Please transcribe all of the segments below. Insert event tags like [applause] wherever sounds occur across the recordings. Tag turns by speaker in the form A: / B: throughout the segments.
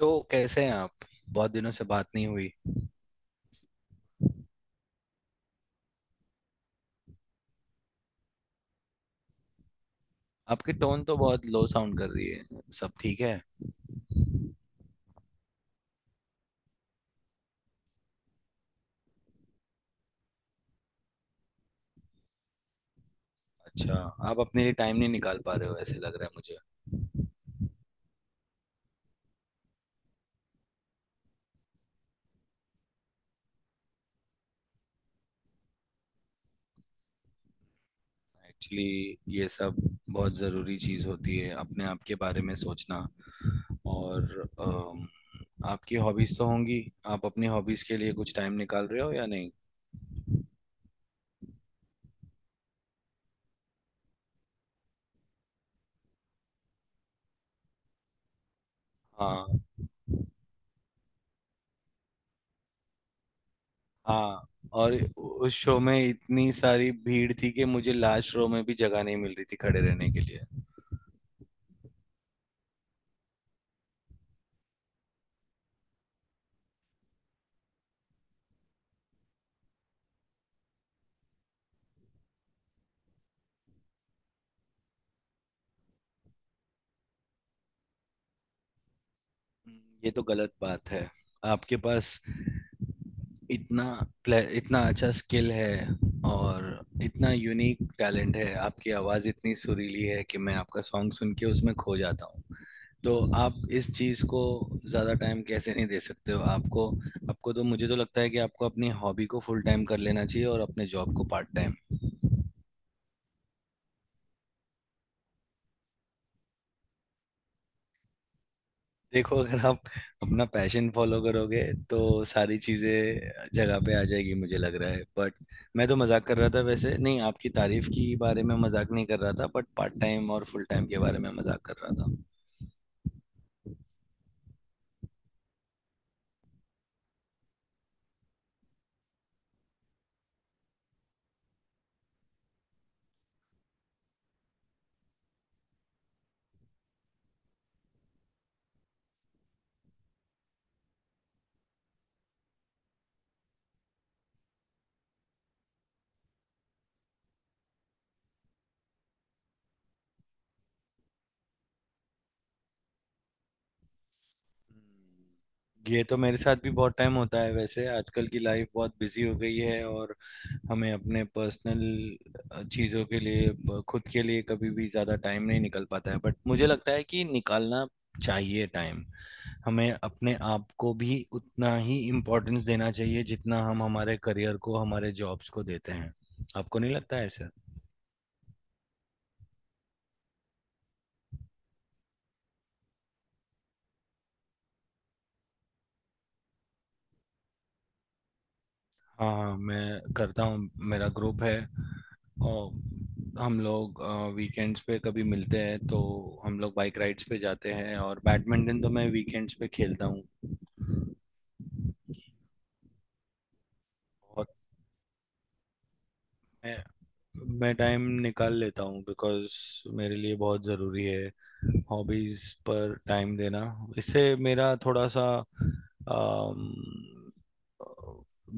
A: तो कैसे हैं आप। बहुत दिनों से बात नहीं हुई। आपकी टोन तो बहुत लो साउंड कर रही है। सब ठीक है? अच्छा। आप अपने लिए टाइम नहीं निकाल पा रहे हो, ऐसे लग रहा है मुझे। एक्चुअली ये सब बहुत ज़रूरी चीज़ होती है, अपने आप के बारे में सोचना। और आपकी हॉबीज़ तो होंगी। आप अपनी हॉबीज़ के लिए कुछ टाइम निकाल रहे हो या नहीं? हाँ। हाँ, और उस शो में इतनी सारी भीड़ थी कि मुझे लास्ट रो में भी जगह नहीं मिल रही थी खड़े रहने के लिए। ये तो गलत बात है। आपके पास इतना इतना अच्छा स्किल है, और इतना यूनिक टैलेंट है। आपकी आवाज़ इतनी सुरीली है कि मैं आपका सॉन्ग सुन के उसमें खो जाता हूँ। तो आप इस चीज़ को ज़्यादा टाइम कैसे नहीं दे सकते हो? आपको, आपको तो, मुझे तो लगता है कि आपको अपनी हॉबी को फुल टाइम कर लेना चाहिए और अपने जॉब को पार्ट टाइम। देखो, अगर आप अपना पैशन फॉलो करोगे तो सारी चीजें जगह पे आ जाएगी, मुझे लग रहा है। बट मैं तो मजाक कर रहा था। वैसे नहीं, आपकी तारीफ की बारे में मजाक नहीं कर रहा था, बट पार्ट टाइम और फुल टाइम के बारे में मजाक कर रहा था। ये तो मेरे साथ भी बहुत टाइम होता है। वैसे आजकल की लाइफ बहुत बिजी हो गई है, और हमें अपने पर्सनल चीज़ों के लिए, खुद के लिए कभी भी ज़्यादा टाइम नहीं निकल पाता है। बट मुझे लगता है कि निकालना चाहिए टाइम। हमें अपने आप को भी उतना ही इम्पोर्टेंस देना चाहिए जितना हम हमारे करियर को, हमारे जॉब्स को देते हैं। आपको नहीं लगता है ऐसा? हाँ, हाँ मैं करता हूँ। मेरा ग्रुप है, और हम लोग वीकेंड्स पे कभी मिलते हैं तो हम लोग बाइक राइड्स पे जाते हैं, और बैडमिंटन तो मैं वीकेंड्स पे खेलता हूँ। बहुत। मैं मैं टाइम निकाल लेता हूँ बिकॉज मेरे लिए बहुत ज़रूरी है हॉबीज़ पर टाइम देना। इससे मेरा थोड़ा सा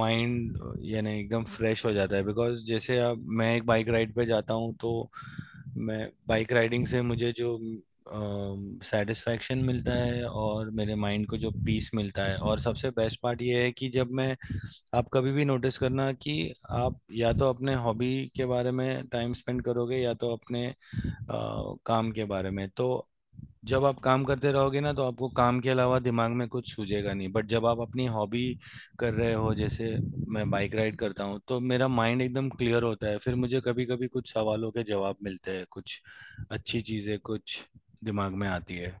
A: माइंड यानी एकदम फ्रेश हो जाता है। बिकॉज जैसे अब मैं एक बाइक राइड पे जाता हूँ, तो मैं, बाइक राइडिंग से मुझे जो सेटिस्फैक्शन मिलता है और मेरे माइंड को जो पीस मिलता है, और सबसे बेस्ट पार्ट ये है कि जब मैं, आप कभी भी नोटिस करना कि आप या तो अपने हॉबी के बारे में टाइम स्पेंड करोगे या तो अपने अ, काम के बारे में। तो जब आप काम करते रहोगे ना तो आपको काम के अलावा दिमाग में कुछ सूझेगा नहीं। बट जब आप अपनी हॉबी कर रहे हो, जैसे मैं बाइक राइड करता हूँ, तो मेरा माइंड एकदम क्लियर होता है। फिर मुझे कभी कभी कुछ सवालों के जवाब मिलते हैं, कुछ अच्छी चीज़ें कुछ दिमाग में आती है।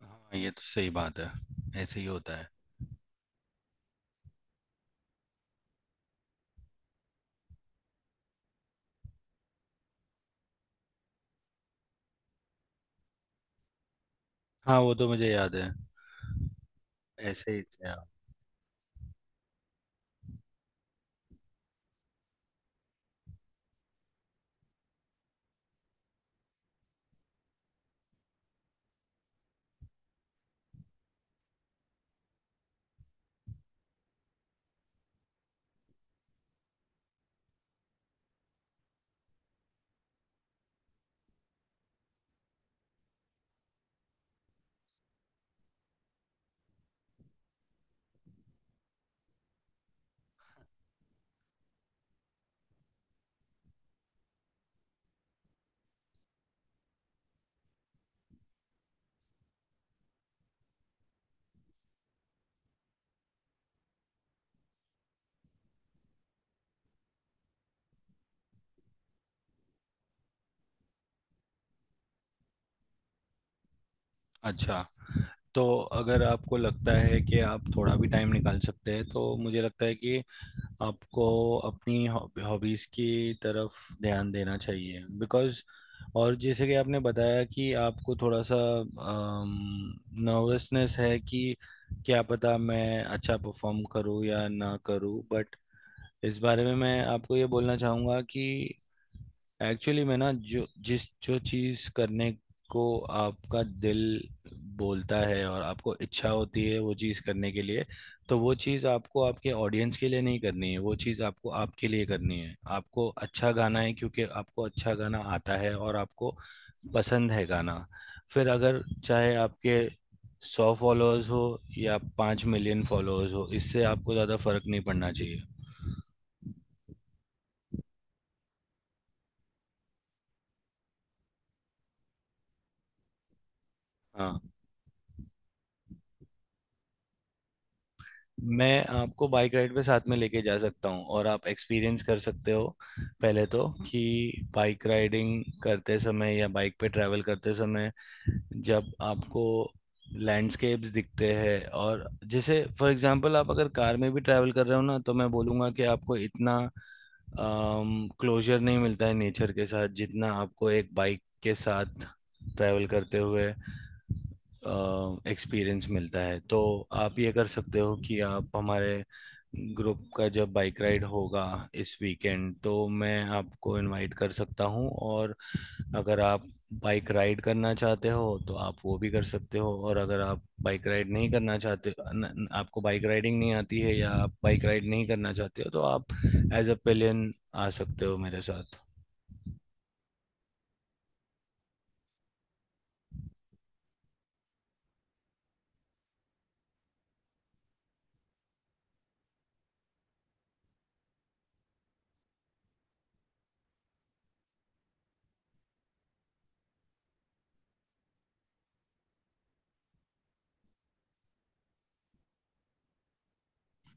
A: हाँ, ये तो सही बात है। ऐसे ही होता है। हाँ, वो तो मुझे याद है। ऐसे ही थे आप। अच्छा। तो अगर आपको लगता है कि आप थोड़ा भी टाइम निकाल सकते हैं तो मुझे लगता है कि आपको अपनी हॉबीज़ की तरफ ध्यान देना चाहिए, बिकॉज़, और जैसे कि आपने बताया कि आपको थोड़ा सा नर्वसनेस है कि क्या पता मैं अच्छा परफॉर्म करूं या ना करूं। बट इस बारे में मैं आपको ये बोलना चाहूँगा कि एक्चुअली मैं ना, जो चीज़ करने को आपका दिल बोलता है और आपको इच्छा होती है वो चीज़ करने के लिए, तो वो चीज़ आपको आपके ऑडियंस के लिए नहीं करनी है, वो चीज़ आपको आपके लिए करनी है। आपको अच्छा गाना है क्योंकि आपको अच्छा गाना आता है, और आपको पसंद है गाना। फिर अगर चाहे आपके 100 फॉलोअर्स हो या 5 मिलियन फॉलोअर्स हो, इससे आपको ज़्यादा फर्क नहीं पड़ना चाहिए। हाँ। मैं आपको बाइक राइड पे साथ में लेके जा सकता हूँ, और आप एक्सपीरियंस कर सकते हो। पहले तो कि बाइक राइडिंग करते समय या बाइक पे ट्रैवल करते समय, जब आपको लैंडस्केप्स दिखते हैं, और जैसे फॉर एग्जांपल आप अगर कार में भी ट्रैवल कर रहे हो ना, तो मैं बोलूँगा कि आपको इतना क्लोजर नहीं मिलता है नेचर के साथ जितना आपको एक बाइक के साथ ट्रैवल करते हुए एक्सपीरियंस मिलता है। तो आप ये कर सकते हो कि आप, हमारे ग्रुप का जब बाइक राइड होगा इस वीकेंड, तो मैं आपको इनवाइट कर सकता हूँ। और अगर आप बाइक राइड करना चाहते हो तो आप वो भी कर सकते हो, और अगर आप बाइक राइड नहीं करना चाहते, न, न- आपको बाइक राइडिंग नहीं आती है या आप बाइक राइड नहीं करना चाहते हो, तो आप एज अ पिलियन आ सकते हो मेरे साथ।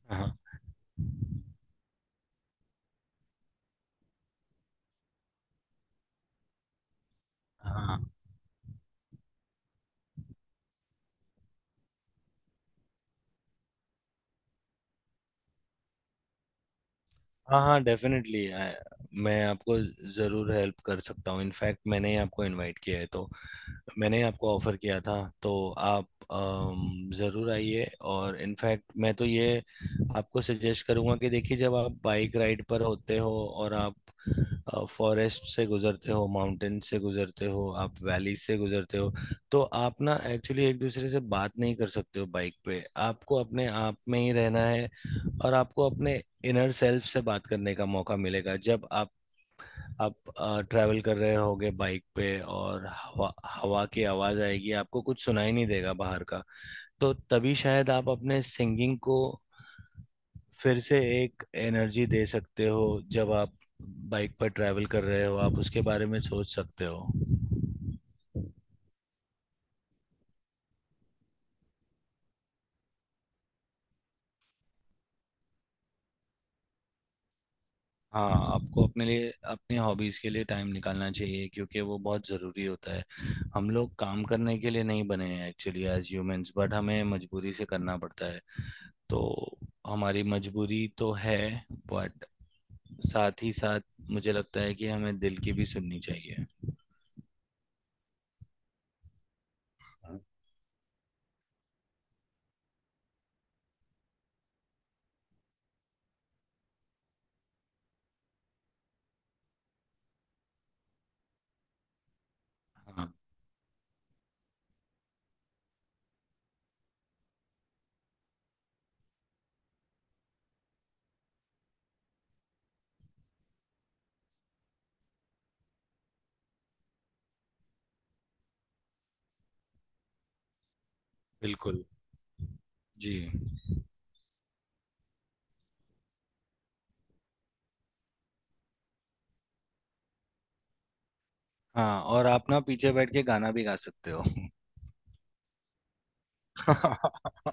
A: हाँ, हाँ, हाँ, हाँ, डेफिनेटली। मैं आपको ज़रूर हेल्प कर सकता हूँ। इनफैक्ट मैंने ही आपको इनवाइट किया है, तो मैंने ही आपको ऑफ़र किया था। तो आप ज़रूर आइए। और इनफैक्ट मैं तो ये आपको सजेस्ट करूँगा कि देखिए, जब आप बाइक राइड पर होते हो और आप फॉरेस्ट से गुजरते हो, माउंटेन से गुजरते हो, आप वैली से गुजरते हो, तो आप ना एक्चुअली एक दूसरे से बात नहीं कर सकते हो बाइक पे। आपको अपने आप में ही रहना है, और आपको अपने इनर सेल्फ से बात करने का मौका मिलेगा जब आप ट्रैवल कर रहे होगे बाइक पे, और हवा हवा की आवाज आएगी, आपको कुछ सुनाई नहीं देगा बाहर का। तो तभी शायद आप अपने सिंगिंग को फिर से एक एनर्जी दे सकते हो जब आप बाइक पर ट्रैवल कर रहे हो, आप उसके बारे में सोच सकते हो। हाँ, आपको अपने लिए, अपनी हॉबीज़ के लिए टाइम निकालना चाहिए क्योंकि वो बहुत ज़रूरी होता है। हम लोग काम करने के लिए नहीं बने हैं एक्चुअली एज ह्यूमंस, बट हमें मजबूरी से करना पड़ता है। तो हमारी मजबूरी तो है, बट साथ ही साथ मुझे लगता है कि हमें दिल की भी सुननी चाहिए। हाँ, हाँ, बिल्कुल जी। हाँ, और आप ना पीछे बैठ के गाना भी गा सकते हो। [laughs]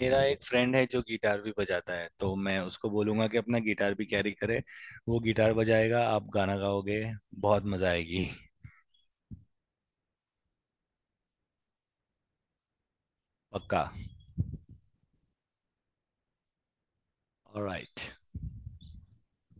A: मेरा एक फ्रेंड है जो गिटार भी बजाता है, तो मैं उसको बोलूंगा कि अपना गिटार भी कैरी करे। वो गिटार बजाएगा, आप गाना गाओगे। बहुत मजा आएगी। पक्का। ऑलराइट।